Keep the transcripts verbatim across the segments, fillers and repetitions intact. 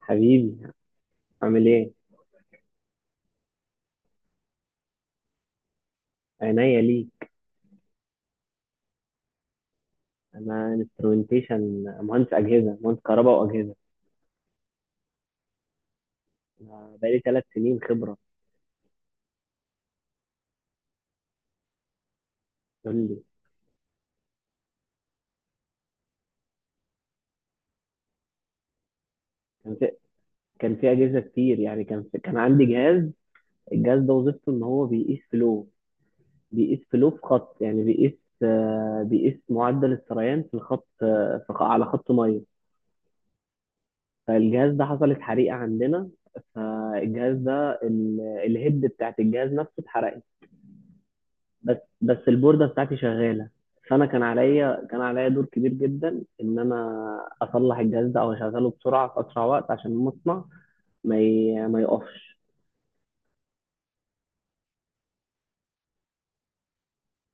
حبيبي، عامل ايه؟ عينيا ليك. انا انسترومنتيشن، مهندس اجهزه، مهندس كهرباء واجهزه. انا بقالي ثلاث سنين خبره. قول لي. كان في كان في اجهزه كتير، يعني كان في... كان عندي جهاز. الجهاز ده وظيفته ان هو بيقيس فلو، بيقيس فلو في خط، يعني بيقيس، آه، بيقيس معدل السريان في الخط، آه، في... خ- على خط ميه. فالجهاز ده حصلت حريقه عندنا. فالجهاز ده ال... الهيد بتاعت الجهاز نفسه اتحرق، بس بس البوردة بتاعتي شغالة. فأنا كان عليا كان عليا دور كبير جدا إن أنا أصلح الجهاز ده أو أشغله بسرعة في أسرع وقت، عشان المصنع ما ي... ما يقفش.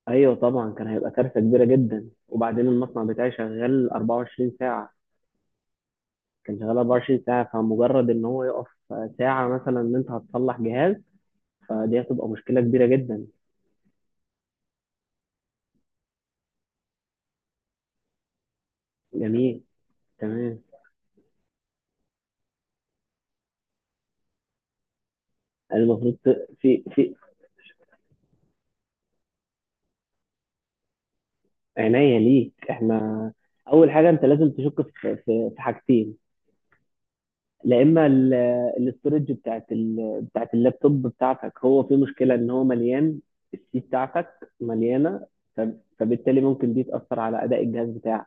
أيوه طبعا، كان هيبقى كارثة كبيرة جدا، وبعدين المصنع بتاعي شغال اربعة وعشرين ساعة. كان شغال اربعة وعشرين ساعة، فمجرد إن هو يقف ساعة مثلا، إن أنت هتصلح جهاز، فدي هتبقى مشكلة كبيرة جدا. جميل. تمام. المفروض ت- في في عناية ليك. إحنا أول حاجة أنت لازم تشك في في في حاجتين. لا اما ال- الاستورج بتاعت ال... بتاعت اللابتوب بتاعتك، هو في مشكله ان هو مليان، السي بتاعتك مليانه. ف... فبالتالي ممكن دي تاثر على اداء الجهاز بتاعك،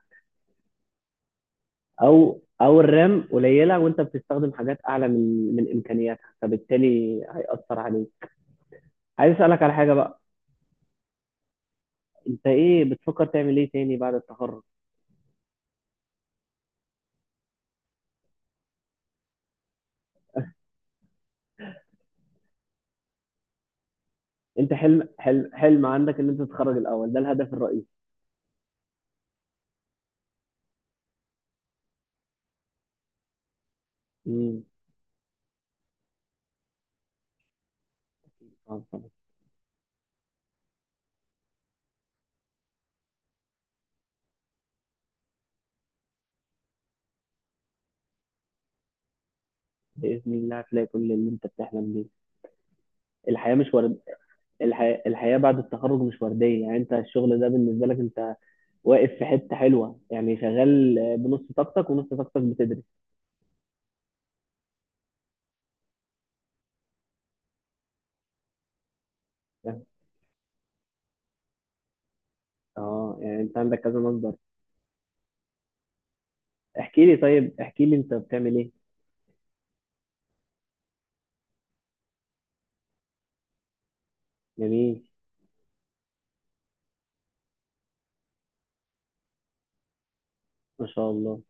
او او الرام قليله وانت بتستخدم حاجات اعلى من من امكانياتها، فبالتالي هياثر عليك. عايز اسالك على حاجه بقى، انت ايه بتفكر تعمل ايه تاني بعد التخرج؟ انت حلم حلم حلم عندك ان انت تتخرج الاول، ده الهدف الرئيسي. امم. طبعاً، طبعاً. باذن الله هتلاقي كل اللي انت بتحلم بيه. الحياه مش ورد، الحياة الحياة بعد التخرج مش وردية، يعني انت الشغل ده بالنسبة لك انت واقف في حتة حلوة، يعني شغال بنص طاقتك ونص طاقتك بتدرس. فاهم؟ اه يعني انت عندك كذا مصدر. احكي لي، طيب احكي لي انت بتعمل ايه. جميل. ما شاء الله.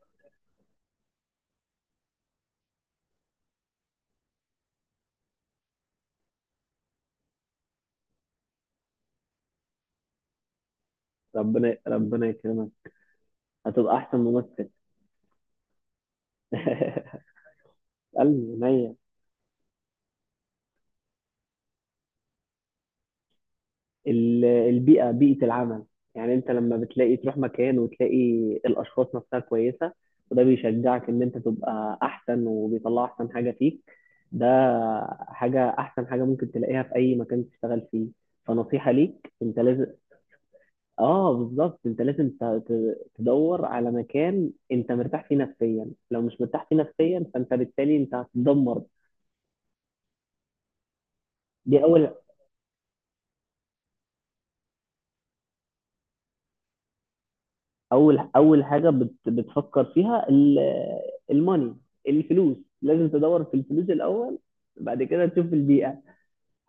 ربنا ربنا يكرمك، هتبقى احسن ممثل. قلبي، عينيا. ال- البيئة، بيئة العمل. يعني انت لما بتلاقي تروح مكان وتلاقي الاشخاص نفسها كويسة، وده بيشجعك ان انت تبقى احسن وبيطلع احسن حاجة فيك. ده حاجة، احسن حاجة ممكن تلاقيها في اي مكان تشتغل فيه. فنصيحة ليك، انت لازم. اه بالظبط، انت لازم ت- ت- تدور على مكان انت مرتاح فيه نفسيا، لو مش مرتاح فيه نفسيا، فانت بالتالي انت هتتدمر. دي اول، اول اول حاجه بت بتفكر فيها، ال- الماني، الفلوس. لازم تدور في الفلوس الاول، بعد كده تشوف البيئه،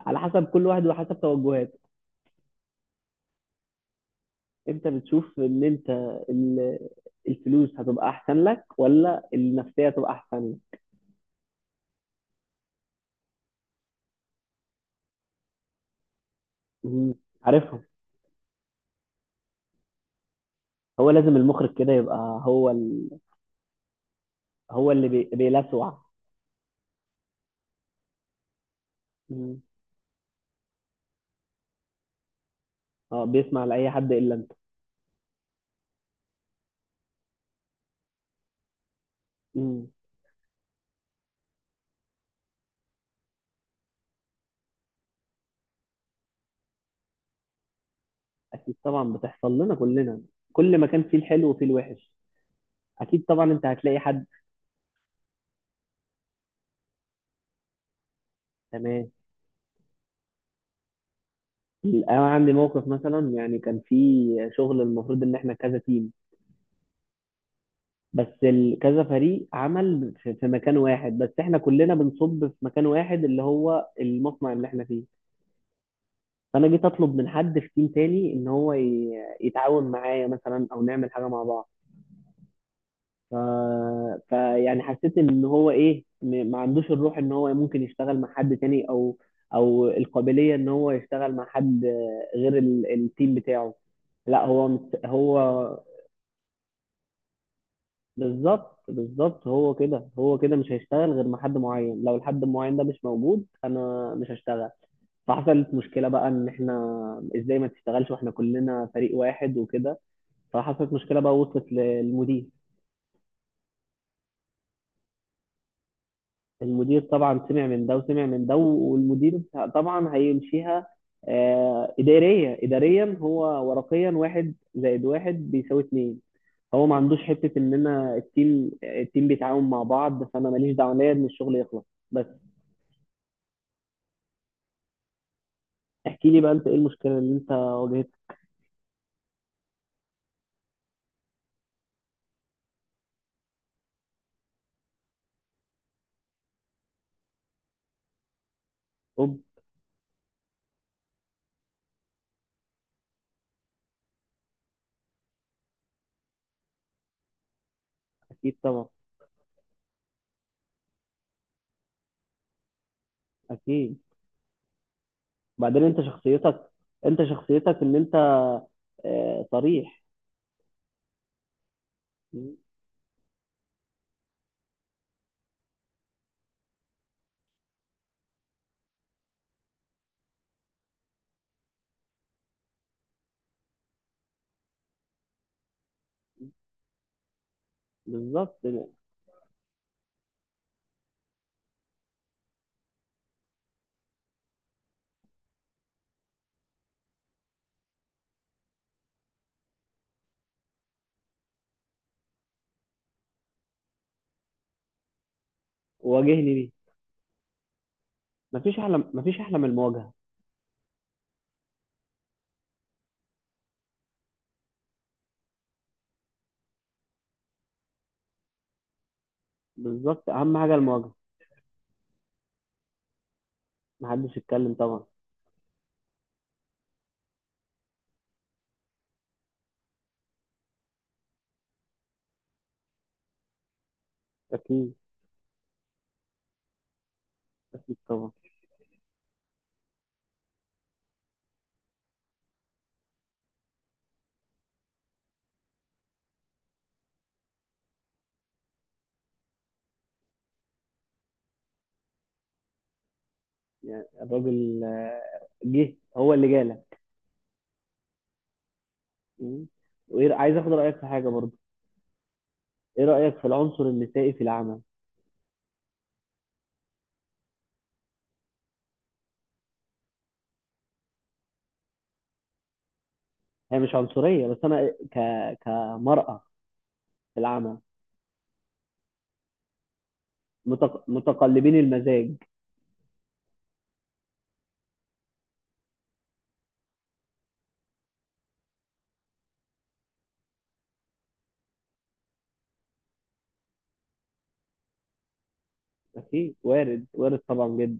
على حسب كل واحد وحسب توجهاته. انت بتشوف ان انت ال- الفلوس هتبقى احسن لك ولا النفسيه هتبقى احسن لك. مم. عارفهم. هو لازم المخرج كده يبقى هو ال... هو اللي بي... بيلسوع. مم. اه، بيسمع لاي حد الا انت. مم. اكيد طبعا، بتحصل لنا كلنا، كل ما كان فيه الحلو وفيه الوحش، اكيد طبعا انت هتلاقي حد. تمام. انا عندي موقف مثلا، يعني كان في شغل، المفروض ان احنا كذا تيم، بس ال- كذا فريق عمل في في مكان واحد، بس احنا كلنا بنصب في مكان واحد اللي هو المصنع اللي احنا فيه. فانا جيت اطلب من حد في تيم تاني ان هو ي- يتعاون معايا مثلا، او نعمل حاجه مع بعض. ف... فيعني حسيت ان هو ايه، م- ما عندوش الروح ان هو ممكن يشتغل مع حد تاني، او او القابليه ان هو يشتغل مع حد غير ال... التيم بتاعه. لا هو مت... هو بالظبط بالظبط، هو كده، هو كده مش هيشتغل غير مع حد معين، لو الحد المعين ده مش موجود انا مش هشتغل. فحصلت مشكله بقى، ان احنا ازاي ما تشتغلش واحنا كلنا فريق واحد وكده. فحصلت مشكله بقى وصلت للمدير. المدير طبعا سمع من ده وسمع من ده، والمدير طبعا هيمشيها. آه، إدارية، إداريا هو ورقيا واحد زائد واحد بيساوي اتنين. هو ما عندوش حتة إن أنا التيم، التيم بيتعاون مع بعض، فأنا ماليش دعوة ليا إن الشغل يخلص بس. احكي لي بقى، أنت إيه المشكلة اللي أنت واجهتها؟ أوب. أكيد طبعا. أكيد. بعدين أنت شخصيتك، أنت شخصيتك إن أنت، آه، صريح. م- بالظبط. واجهني بيه. مفيش أحلى مفيش أحلى من المواجهة. بالظبط، أهم حاجة المواجهة. محدش اتكلم طبعا. اكيد، اكيد طبعا. يعني الراجل، آه، جه هو اللي جالك. مم. وايه، عايز اخد رايك في حاجه برضه. ايه رايك في العنصر النسائي في العمل؟ هي مش عنصريه، بس انا ك كمراه في العمل متق... متقلبين المزاج. اكيد وارد، وارد طبعا، جدا.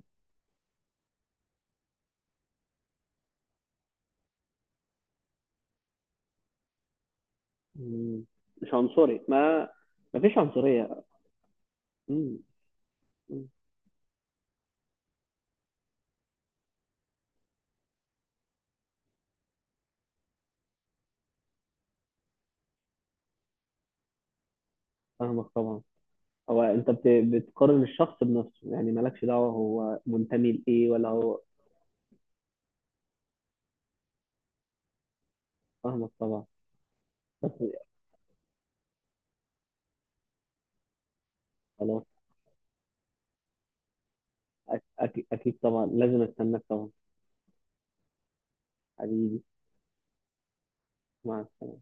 مم. مش عنصري، ما ما فيش عنصريه. مم. مم. فاهمك طبعا. هو انت بت... بتقارن الشخص بنفسه، يعني مالكش دعوه هو منتمي لايه ولا هو. فاهمك طبعا. بس خلاص، أك- أك- أكيد طبعا، لازم أستناك طبعا. حبيبي. مع السلامة.